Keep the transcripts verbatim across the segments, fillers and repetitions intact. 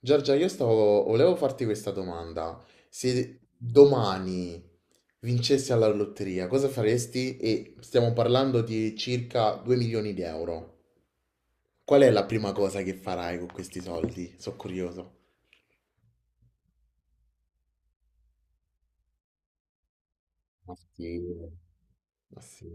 Giorgia, io stavo, volevo farti questa domanda. Se domani vincessi alla lotteria, cosa faresti? E stiamo parlando di circa due milioni di euro. Qual è la prima cosa che farai con questi soldi? Sono curioso. Ma sì, ma sì.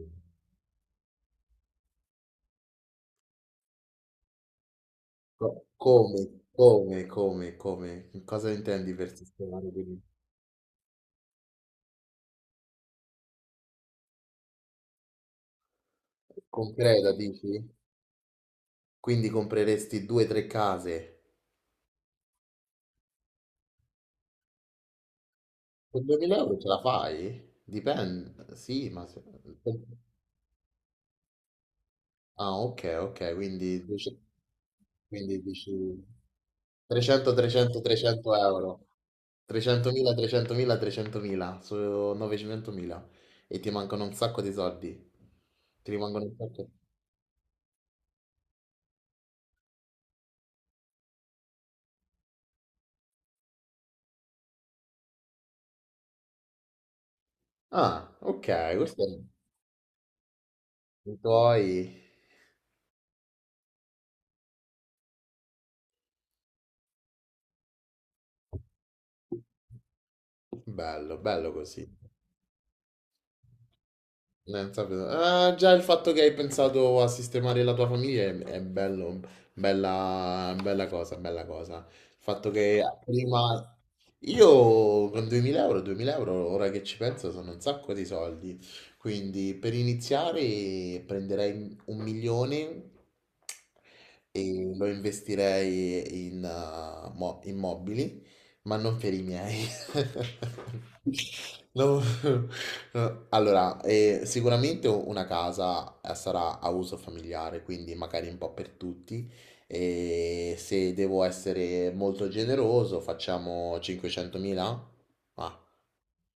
Co- come, come, come, come? Cosa intendi per sistemare? Quindi, concreta, dici? Quindi compreresti due o tre case? Con duemila euro ce la fai? Dipende, sì, ma... se- Ah, ok, ok, quindi, dici- quindi dici trecento, trecento, trecento euro. trecentomila, trecentomila, trecentomila, sono novecentomila e ti mancano un sacco di soldi. Ti rimangono un sacco. Ah, ok, questo è i tuoi. Bello, bello così. Eh, sapevo. Ah, già il fatto che hai pensato a sistemare la tua famiglia è, è bello, bella, bella cosa, bella cosa. Il fatto che prima... Io con duemila euro, duemila euro, ora che ci penso, sono un sacco di soldi. Quindi per iniziare prenderei un milione e lo investirei in eh, mo- immobili, ma non per i miei. No, no. Allora, eh, sicuramente una casa eh, sarà a uso familiare, quindi magari un po' per tutti. E se devo essere molto generoso, facciamo cinquecentomila? Ah,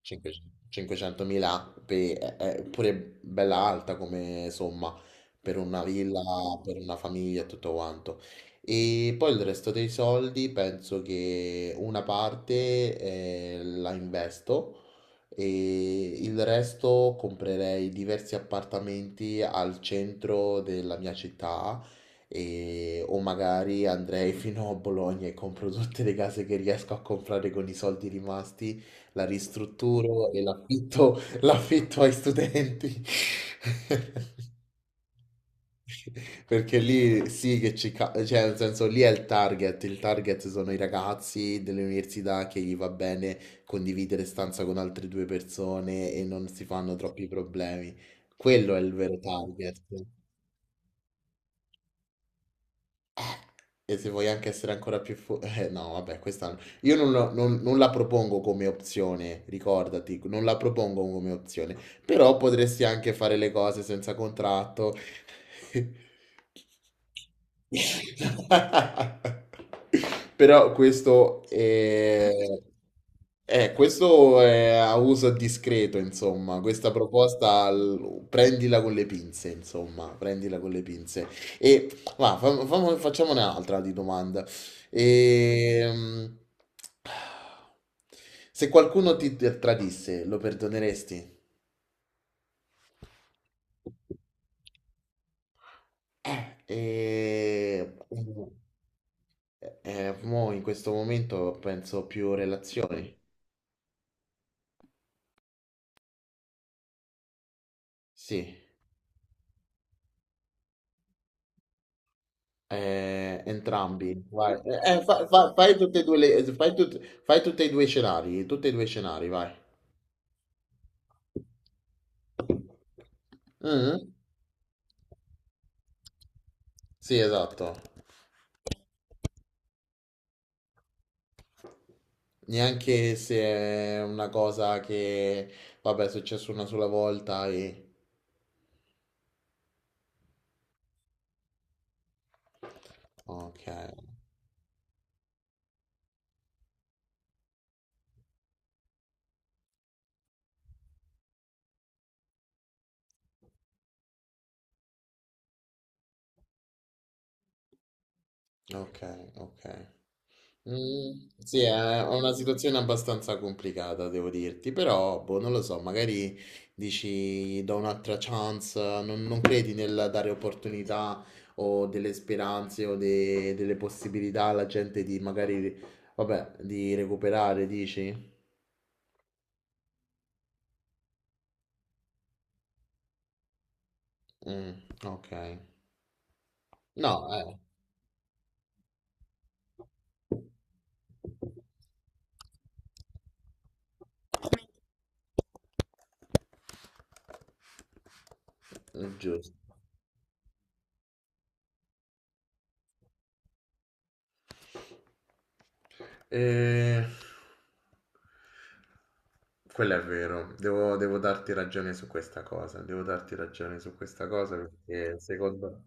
500 500.000, pe- è è pure bella alta come somma, per una villa, per una famiglia e tutto quanto. E poi il resto dei soldi penso che una parte eh, la investo e il resto comprerei diversi appartamenti al centro della mia città e, o magari andrei fino a Bologna e compro tutte le case che riesco a comprare con i soldi rimasti, la ristrutturo e l'affitto, l'affitto ai studenti. Perché lì sì che ci... ca- cioè nel senso lì è il target, il target sono i ragazzi delle università che gli va bene condividere stanza con altre due persone e non si fanno troppi problemi. Quello è il vero target. E se vuoi anche essere ancora più forte, eh, no, vabbè, questa no. io non, la non- non la propongo come opzione, ricordati, non la propongo come opzione, però potresti anche fare le cose senza contratto. Però questo è, eh, questo è a uso discreto, insomma, questa proposta l- prendila con le pinze, insomma, prendila con le pinze. E ma fa- famo- facciamone un'altra di domanda. Ehm, Se qualcuno ti t- tradisse, lo perdoneresti? Eh, eh, eh, eh, mo in questo momento penso più relazioni. Sì, eh, entrambi. Vai. Eh, eh, fa- fa- fai tutte e due le- fai tut- fai tutti e due i scenari, tutti e due i scenari, vai. Mm? Sì, esatto. Neanche se è una cosa che, vabbè, è successo una sola volta e... Ok, ok, ok. Mm, sì, è una situazione abbastanza complicata, devo dirti, però, boh, non lo so, magari dici, do un'altra chance, non, non credi nel dare opportunità o delle speranze o de- delle possibilità alla gente di magari, vabbè, di recuperare, dici? Mm, ok. No, eh, è giusto. E... Quello è vero, devo, devo darti ragione su questa cosa, devo darti ragione su questa cosa perché secondo...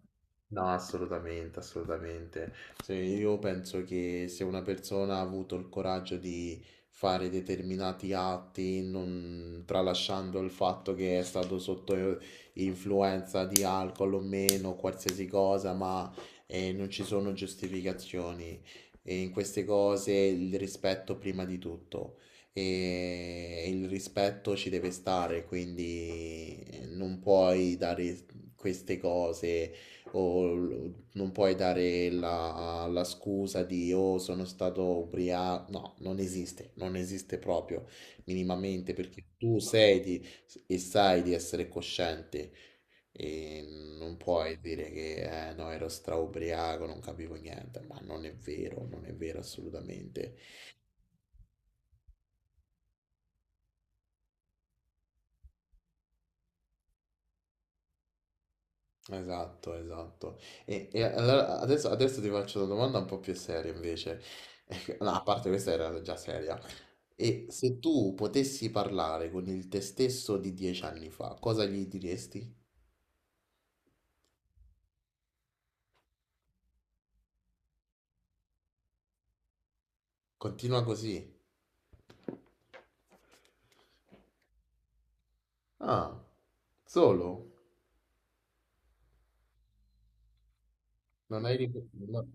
No, assolutamente, assolutamente. Se io penso che se una persona ha avuto il coraggio di fare determinati atti, non... tralasciando il fatto che è stato sotto influenza di alcol o meno, qualsiasi cosa, ma eh, non ci sono giustificazioni. E in queste cose il rispetto prima di tutto. E il rispetto ci deve stare, quindi eh, non puoi dare queste cose o l- non puoi dare la, la scusa di oh sono stato ubriaco. No, non esiste, non esiste proprio minimamente perché tu sei di- e sai di essere cosciente. E non puoi dire che eh, no, ero straubriaco, non capivo niente, ma non è vero, non è vero assolutamente. Esatto, esatto. E, e allora adesso, adesso ti faccio una domanda un po' più seria invece. No, a parte questa era già seria. E se tu potessi parlare con il te stesso di dieci anni fa, cosa gli diresti? Continua così. Ah, solo? Non hai, rip- no-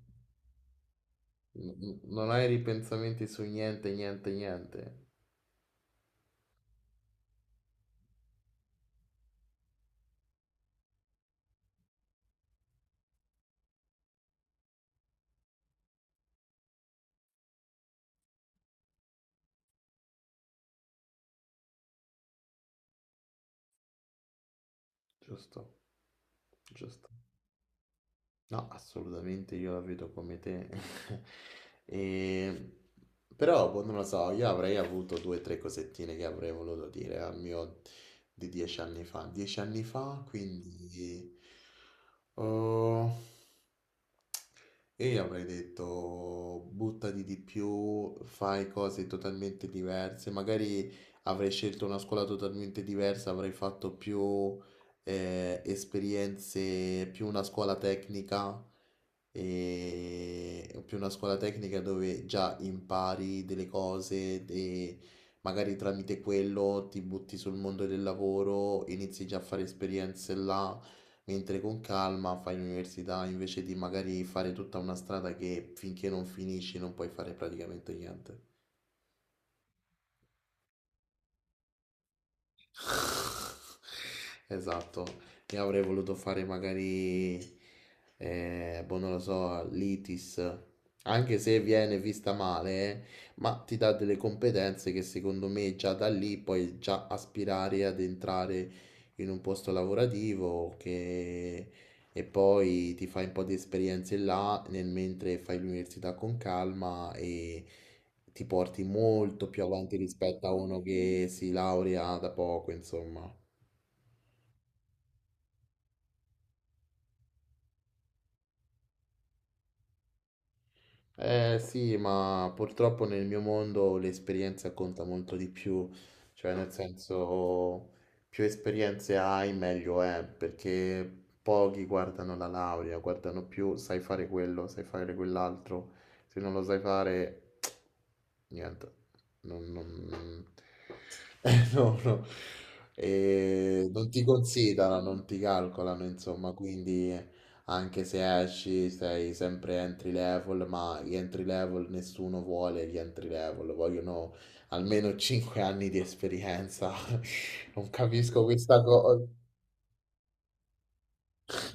n- non hai ripensamenti su niente, niente, niente. Giusto, giusto. No, assolutamente io la vedo come te. E- Però, boh, non lo so, io avrei avuto due o tre cosettine che avrei voluto dire al mio di dieci anni fa. Dieci anni fa, quindi... Oh, e io avrei detto buttati di più, fai cose totalmente diverse, magari avrei scelto una scuola totalmente diversa, avrei fatto più eh, esperienze, più una scuola tecnica, e più una scuola tecnica dove già impari delle cose e magari tramite quello ti butti sul mondo del lavoro, inizi già a fare esperienze là mentre con calma fai l'università invece di magari fare tutta una strada che finché non finisci non puoi fare praticamente niente. Esatto, io avrei voluto fare magari, eh, boh, non lo so, l'ITIS, anche se viene vista male, eh, ma ti dà delle competenze che secondo me già da lì puoi già aspirare ad entrare in un posto lavorativo che... E poi ti fai un po' di esperienze là nel mentre fai l'università con calma e ti porti molto più avanti rispetto a uno che si laurea da poco, insomma. Eh sì, ma purtroppo nel mio mondo l'esperienza conta molto di più, cioè nel senso più esperienze hai meglio è, perché pochi guardano la laurea, guardano più sai fare quello, sai fare quell'altro, se non lo sai fare niente, non, non- eh, no, no. E non ti considerano, non ti calcolano, insomma, quindi anche se esci sei sempre entry level, ma gli entry level nessuno vuole gli entry level, vogliono almeno 5 anni di esperienza. Non capisco questa cosa.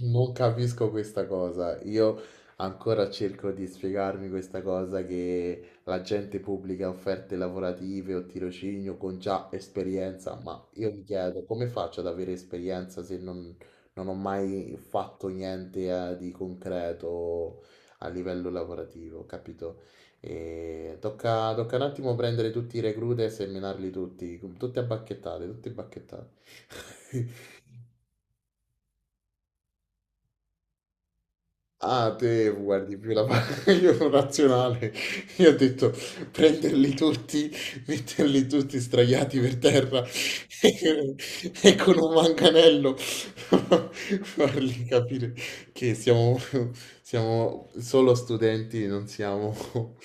Non capisco questa cosa. Io ancora cerco di spiegarmi questa cosa che la gente pubblica offerte lavorative o tirocinio con già esperienza, ma io mi chiedo come faccio ad avere esperienza se non, non ho mai fatto niente eh, di concreto a livello lavorativo, capito? E tocca, tocca un attimo prendere tutti i reclute e seminarli tutti, tutti a bacchettate, tutti a bacchettate. Ah, te guardi più la parte io sono razionale. Io ho detto prenderli tutti, metterli tutti straiati per terra e, e con un manganello fargli capire che siamo, siamo solo studenti, non siamo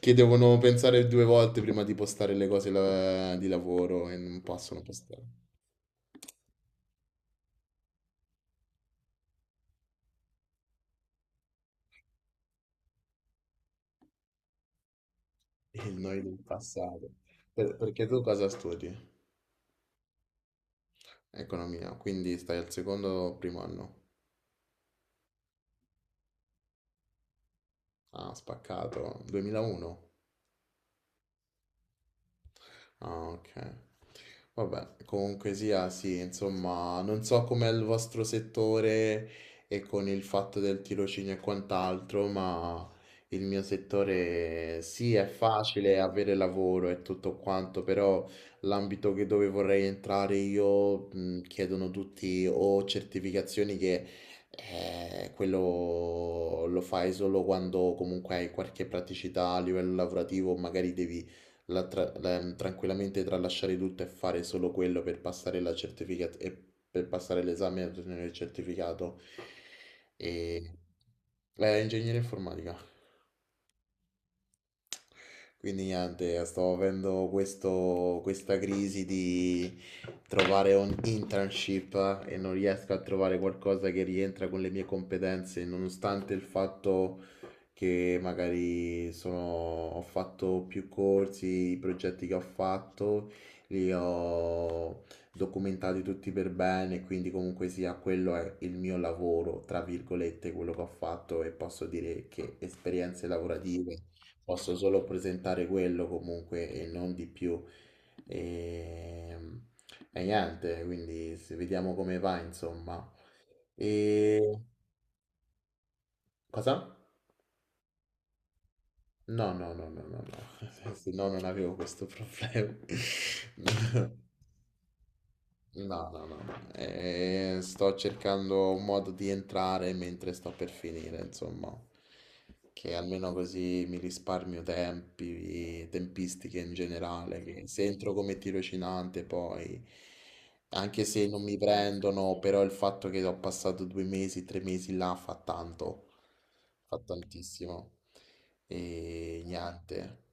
che devono pensare due volte prima di postare le cose la- di lavoro e non possono postare. E noi del passato. Per- perché tu cosa studi? Economia, quindi stai al secondo o primo anno? Ah, spaccato. duemila e uno? Ah, ok. Vabbè, comunque sia, sì, insomma, non so com'è il vostro settore e con il fatto del tirocinio e quant'altro, ma il mio settore sì, è facile avere lavoro e tutto quanto, però l'ambito che dove vorrei entrare io mh, chiedono tutti o certificazioni che eh, quello lo fai solo quando comunque hai qualche praticità a livello lavorativo, magari devi la tra- la- mm, tranquillamente tralasciare tutto e fare solo quello per passare la certificat- e per passare l'esame e ottenere il certificato. E... eh, ingegneria informatica. Quindi niente, sto avendo questo- questa crisi di trovare un internship e non riesco a trovare qualcosa che rientra con le mie competenze, nonostante il fatto che magari sono, ho fatto più corsi, i progetti che ho fatto li ho documentati tutti per bene, quindi comunque sia quello è il mio lavoro, tra virgolette, quello che ho fatto e posso dire che esperienze lavorative posso solo presentare quello comunque e non di più. E, e niente, quindi se- vediamo come va, insomma. E cosa? No, no, no, no, no, no, se no non avevo questo problema. No, no, no, no. Eh, sto cercando un modo di entrare mentre sto per finire, insomma, che almeno così mi risparmio tempi, tempistiche in generale, che se entro come tirocinante poi, anche se non mi prendono, però il fatto che ho passato due mesi, tre mesi là fa tanto, fa tantissimo. E niente.